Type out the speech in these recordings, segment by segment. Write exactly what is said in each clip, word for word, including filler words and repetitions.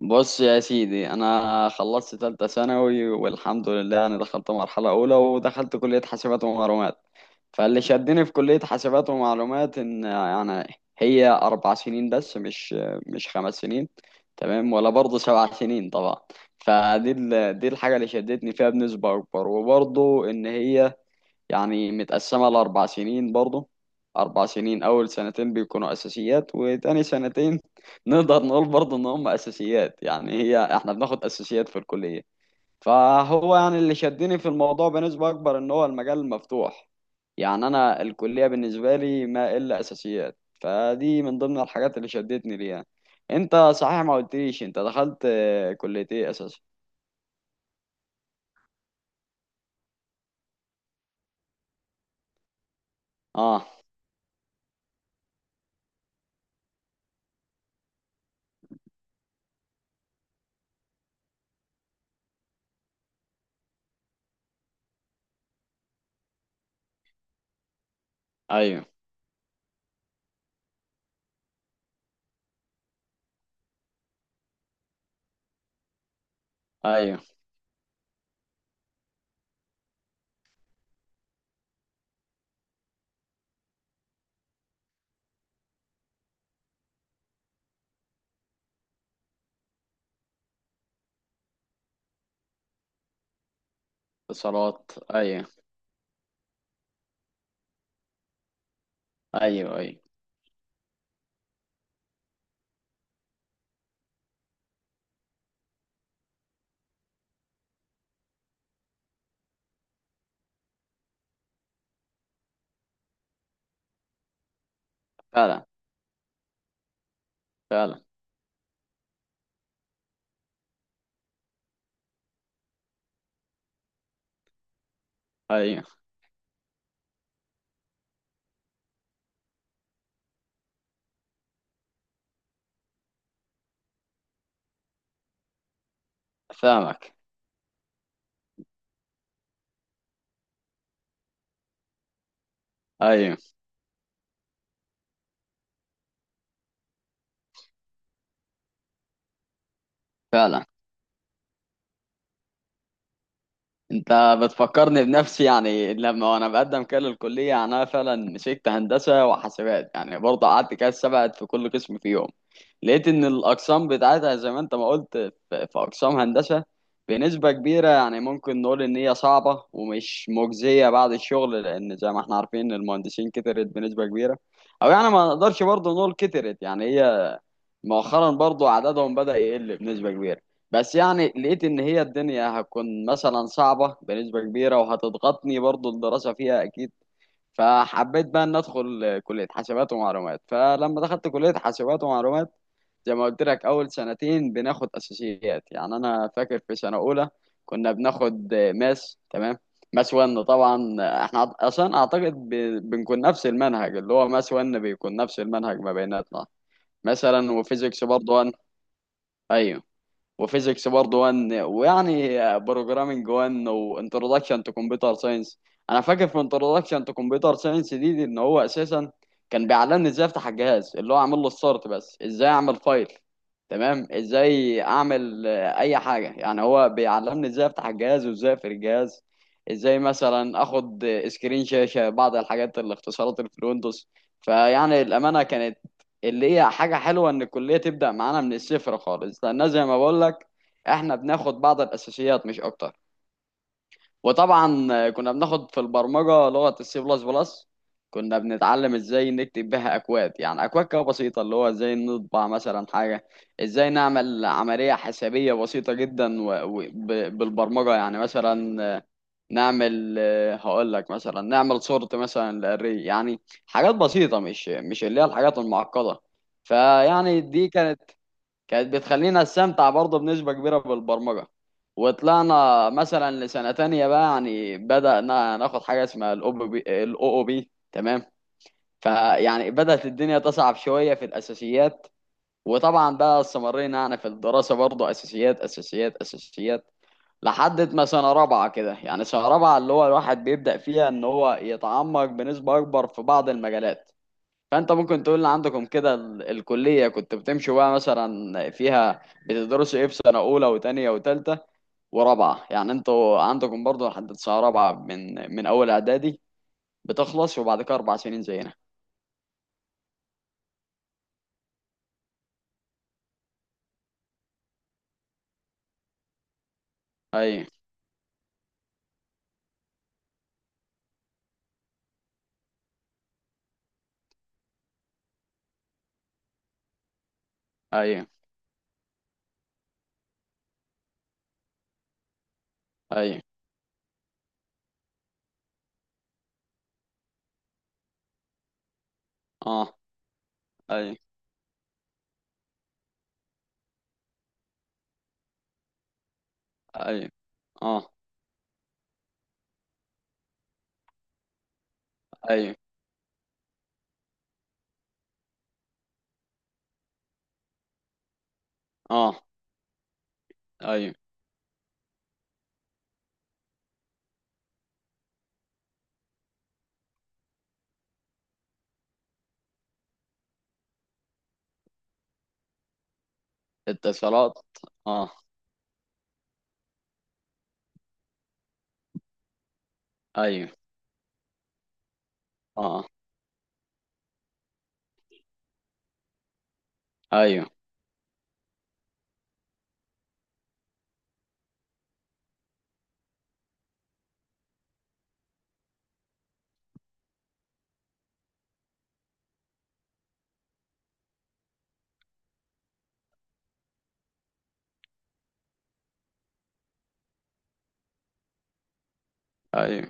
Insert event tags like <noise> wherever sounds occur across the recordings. بص يا سيدي، انا خلصت ثالثه ثانوي والحمد لله. انا دخلت مرحله اولى ودخلت كليه حاسبات ومعلومات. فاللي شدني في كليه حاسبات ومعلومات ان يعني هي اربع سنين بس، مش مش خمس سنين، تمام، ولا برضه سبع سنين طبعا. فدي ال- دي الحاجه اللي شدتني فيها بنسبه اكبر. وبرضه ان هي يعني متقسمة لأربع سنين برضه، أربع سنين. أول سنتين بيكونوا أساسيات، وتاني سنتين <laughs> نقدر نقول برضه إن هم أساسيات، يعني هي إحنا بناخد أساسيات في الكلية. فهو يعني اللي شدني في الموضوع بنسبة أكبر إن هو المجال مفتوح. يعني أنا الكلية بالنسبة لي ما إلا أساسيات، فدي من ضمن الحاجات اللي شدتني ليها. أنت صحيح ما قلتليش أنت دخلت آه، كلية إيه أساسا؟ آه. أيوه. أيوه. اتصالات. أيوه. أيوه. أيوه. فعلا. فعلا، ايوه، فاهمك. ايوه. فعلا. انت بتفكرني بنفسي يعني. لما وانا بقدم كده للكليه، يعني انا فعلا مسكت هندسه وحاسبات، يعني برضه قعدت كده سبعت في كل قسم في يوم. لقيت ان الاقسام بتاعتها زي ما انت ما قلت في في اقسام هندسه بنسبه كبيره، يعني ممكن نقول ان هي صعبه ومش مجزيه بعد الشغل، لان زي ما احنا عارفين المهندسين كترت بنسبه كبيره. او يعني ما نقدرش برضه نقول كترت، يعني هي مؤخرا برضو عددهم بدأ يقل بنسبة كبيرة. بس يعني لقيت ان هي الدنيا هتكون مثلا صعبة بنسبة كبيرة وهتضغطني برضو الدراسة فيها اكيد. فحبيت بقى ان ادخل كلية حاسبات ومعلومات. فلما دخلت كلية حاسبات ومعلومات، زي ما قلت لك، اول سنتين بناخد اساسيات. يعني انا فاكر في سنة اولى كنا بناخد ماس، تمام، ماس واحد طبعا. احنا اصلا اعتقد ب- بنكون نفس المنهج. اللي هو ماس واحد بيكون نفس المنهج ما بيناتنا مثلا. وفيزيكس برضه، ايوه، وفيزيكس برضه واحد، ويعني بروجرامنج واحد وانتروداكشن تو كمبيوتر ساينس. انا فاكر في انتروداكشن تو كمبيوتر ساينس دي, دي ان هو اساسا كان بيعلمني ازاي افتح الجهاز، اللي هو اعمل له ستارت بس، ازاي اعمل فايل، تمام، ازاي اعمل آه، اي حاجه. يعني هو بيعلمني ازاي افتح الجهاز وازاي اقفل الجهاز، ازاي مثلا اخد سكرين شاشه، بعض الحاجات الاختصارات اللي في الويندوز. فيعني الامانه كانت، اللي هي حاجة حلوة، إن الكلية تبدأ معانا من الصفر خالص، لأن زي ما بقول لك إحنا بناخد بعض الأساسيات مش أكتر. وطبعا كنا بناخد في البرمجة لغة السي بلس بلس، كنا بنتعلم إزاي نكتب بها أكواد، يعني أكواد كده بسيطة، اللي هو إزاي نطبع مثلا حاجة، إزاي نعمل عملية حسابية بسيطة جدا، و... و... ب... بالبرمجة يعني مثلا نعمل، آه، هقول لك مثلا، نعمل صورة مثلا للري يعني، حاجات بسيطة، مش مش اللي هي الحاجات المعقدة. فيعني دي كانت، كانت بتخلينا نستمتع برضه بنسبة كبيرة بالبرمجة. وطلعنا مثلا لسنة تانية بقى، يعني بدأنا ناخد حاجة اسمها الأو بي، الأو أو بي، تمام. فيعني بدأت الدنيا تصعب شوية في الأساسيات. وطبعا بقى استمرينا يعني في الدراسة برضه أساسيات أساسيات أساسيات، لحد ما سنة رابعة كده. يعني سنة رابعة اللي هو الواحد بيبدأ فيها إن هو يتعمق بنسبة أكبر في بعض المجالات. فأنت ممكن تقول لي عندكم كده ال- الكلية كنت بتمشوا بقى مثلا فيها، بتدرسوا إيه في سنة أولى وتانية وتالتة ورابعة؟ يعني أنتوا عندكم برضو لحد سنة رابعة، من من أول إعدادي بتخلص، وبعد كده أربع سنين زينا؟ أيوه. أيوه. أيوه. أه. أيوه. أيوه. أه. أيوه. أه. أيوه. اتصالات. أه. أيوه. أه. أيوه. ايوه.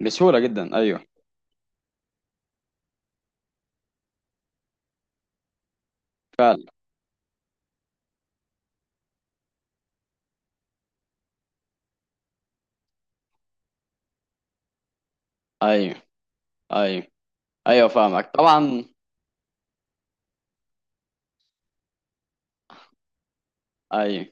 بسهولة جدا، ايوه. فعلا. ايوه. ايوه. ايوه، فاهمك طبعا. ايوه.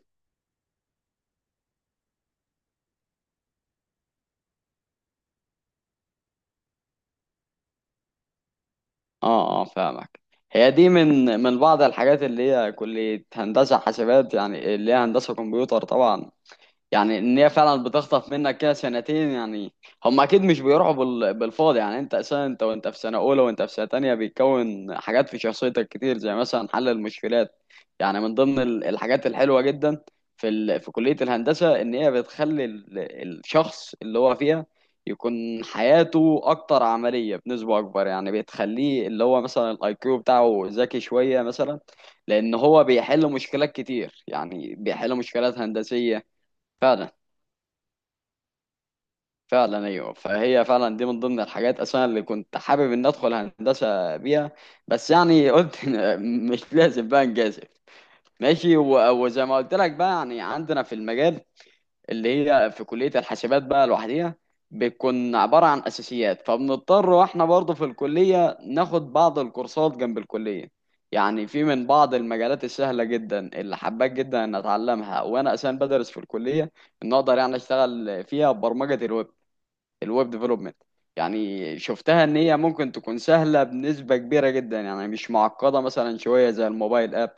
اه. اه، فاهمك. هي دي من من بعض الحاجات اللي هي كلية هندسة حاسبات، يعني اللي هي هندسة كمبيوتر طبعا. يعني ان هي فعلا بتخطف منك كده سنتين يعني. هم اكيد مش بيروحوا بال... بالفاضي. يعني انت اساسا، انت وانت في سنه اولى وانت في سنه تانية، بيتكون حاجات في شخصيتك كتير زي مثلا حل المشكلات. يعني من ضمن ال- الحاجات الحلوه جدا في ال... في كليه الهندسه ان هي بتخلي ال... الشخص اللي هو فيها يكون حياته اكتر عمليه بنسبه اكبر. يعني بتخليه اللي هو مثلا الاي كيو بتاعه ذكي شويه مثلا، لان هو بيحل مشكلات كتير، يعني بيحل مشكلات هندسيه. فعلا. فعلا، ايوه. فهي فعلا دي من ضمن الحاجات اصلا اللي كنت حابب ان ادخل هندسه بيها، بس يعني قلت <laughs> مش لازم بقى نجازف، ماشي. و- وزي ما قلت لك بقى، يعني عندنا في المجال اللي هي في كليه الحاسبات بقى لوحديها بتكون عباره عن اساسيات، فبنضطر واحنا برضه في الكليه ناخد بعض الكورسات جنب الكليه. يعني في من بعض المجالات السهله جدا اللي حبيت جدا ان اتعلمها وانا اساسا بدرس في الكليه، ان اقدر يعني اشتغل فيها برمجه الويب، الويب ديفلوبمنت. يعني شفتها ان هي ممكن تكون سهله بنسبه كبيره جدا، يعني مش معقده مثلا شويه زي الموبايل اب،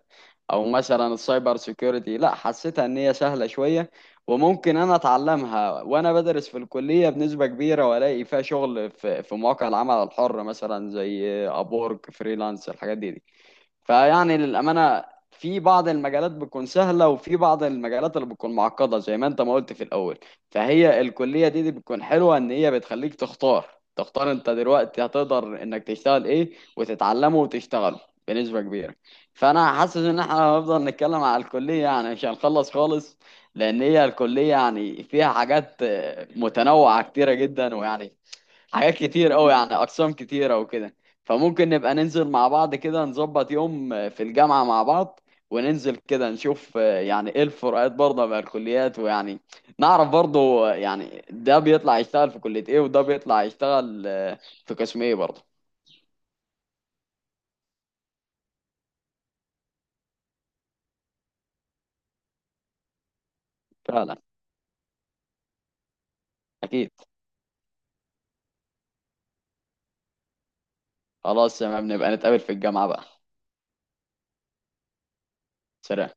او مثلا السايبر سيكيورتي، لا حسيتها ان هي سهله شويه. وممكن انا اتعلمها وانا بدرس في الكليه بنسبه كبيره، والاقي فيها شغل في في مواقع العمل الحر مثلا زي ابورك فريلانس الحاجات دي. فيعني للأمانة، في بعض المجالات بتكون سهلة وفي بعض المجالات اللي بتكون معقدة زي ما انت ما قلت في الأول. فهي الكلية دي, دي بتكون حلوة ان هي بتخليك تختار، تختار انت دلوقتي هتقدر انك تشتغل ايه وتتعلمه وتشتغله بنسبة كبيرة. فانا حاسس ان احنا هنفضل نتكلم على الكلية يعني، مش هنخلص خالص، لان هي الكلية يعني فيها حاجات آه، متنوعة كتيرة جدا، ويعني حاجات كتير قوي، يعني اقسام كتيره وكده. فممكن نبقى ننزل مع بعض كده، نظبط يوم في الجامعه مع بعض وننزل كده نشوف يعني ايه الفروقات برضه بين الكليات، ويعني نعرف برضه يعني ده بيطلع يشتغل في كليه ايه وده بيطلع يشتغل في قسم ايه برضه. فعلا. اكيد. خلاص تمام، نبقى نتقابل في الجامعه بقى. سلام.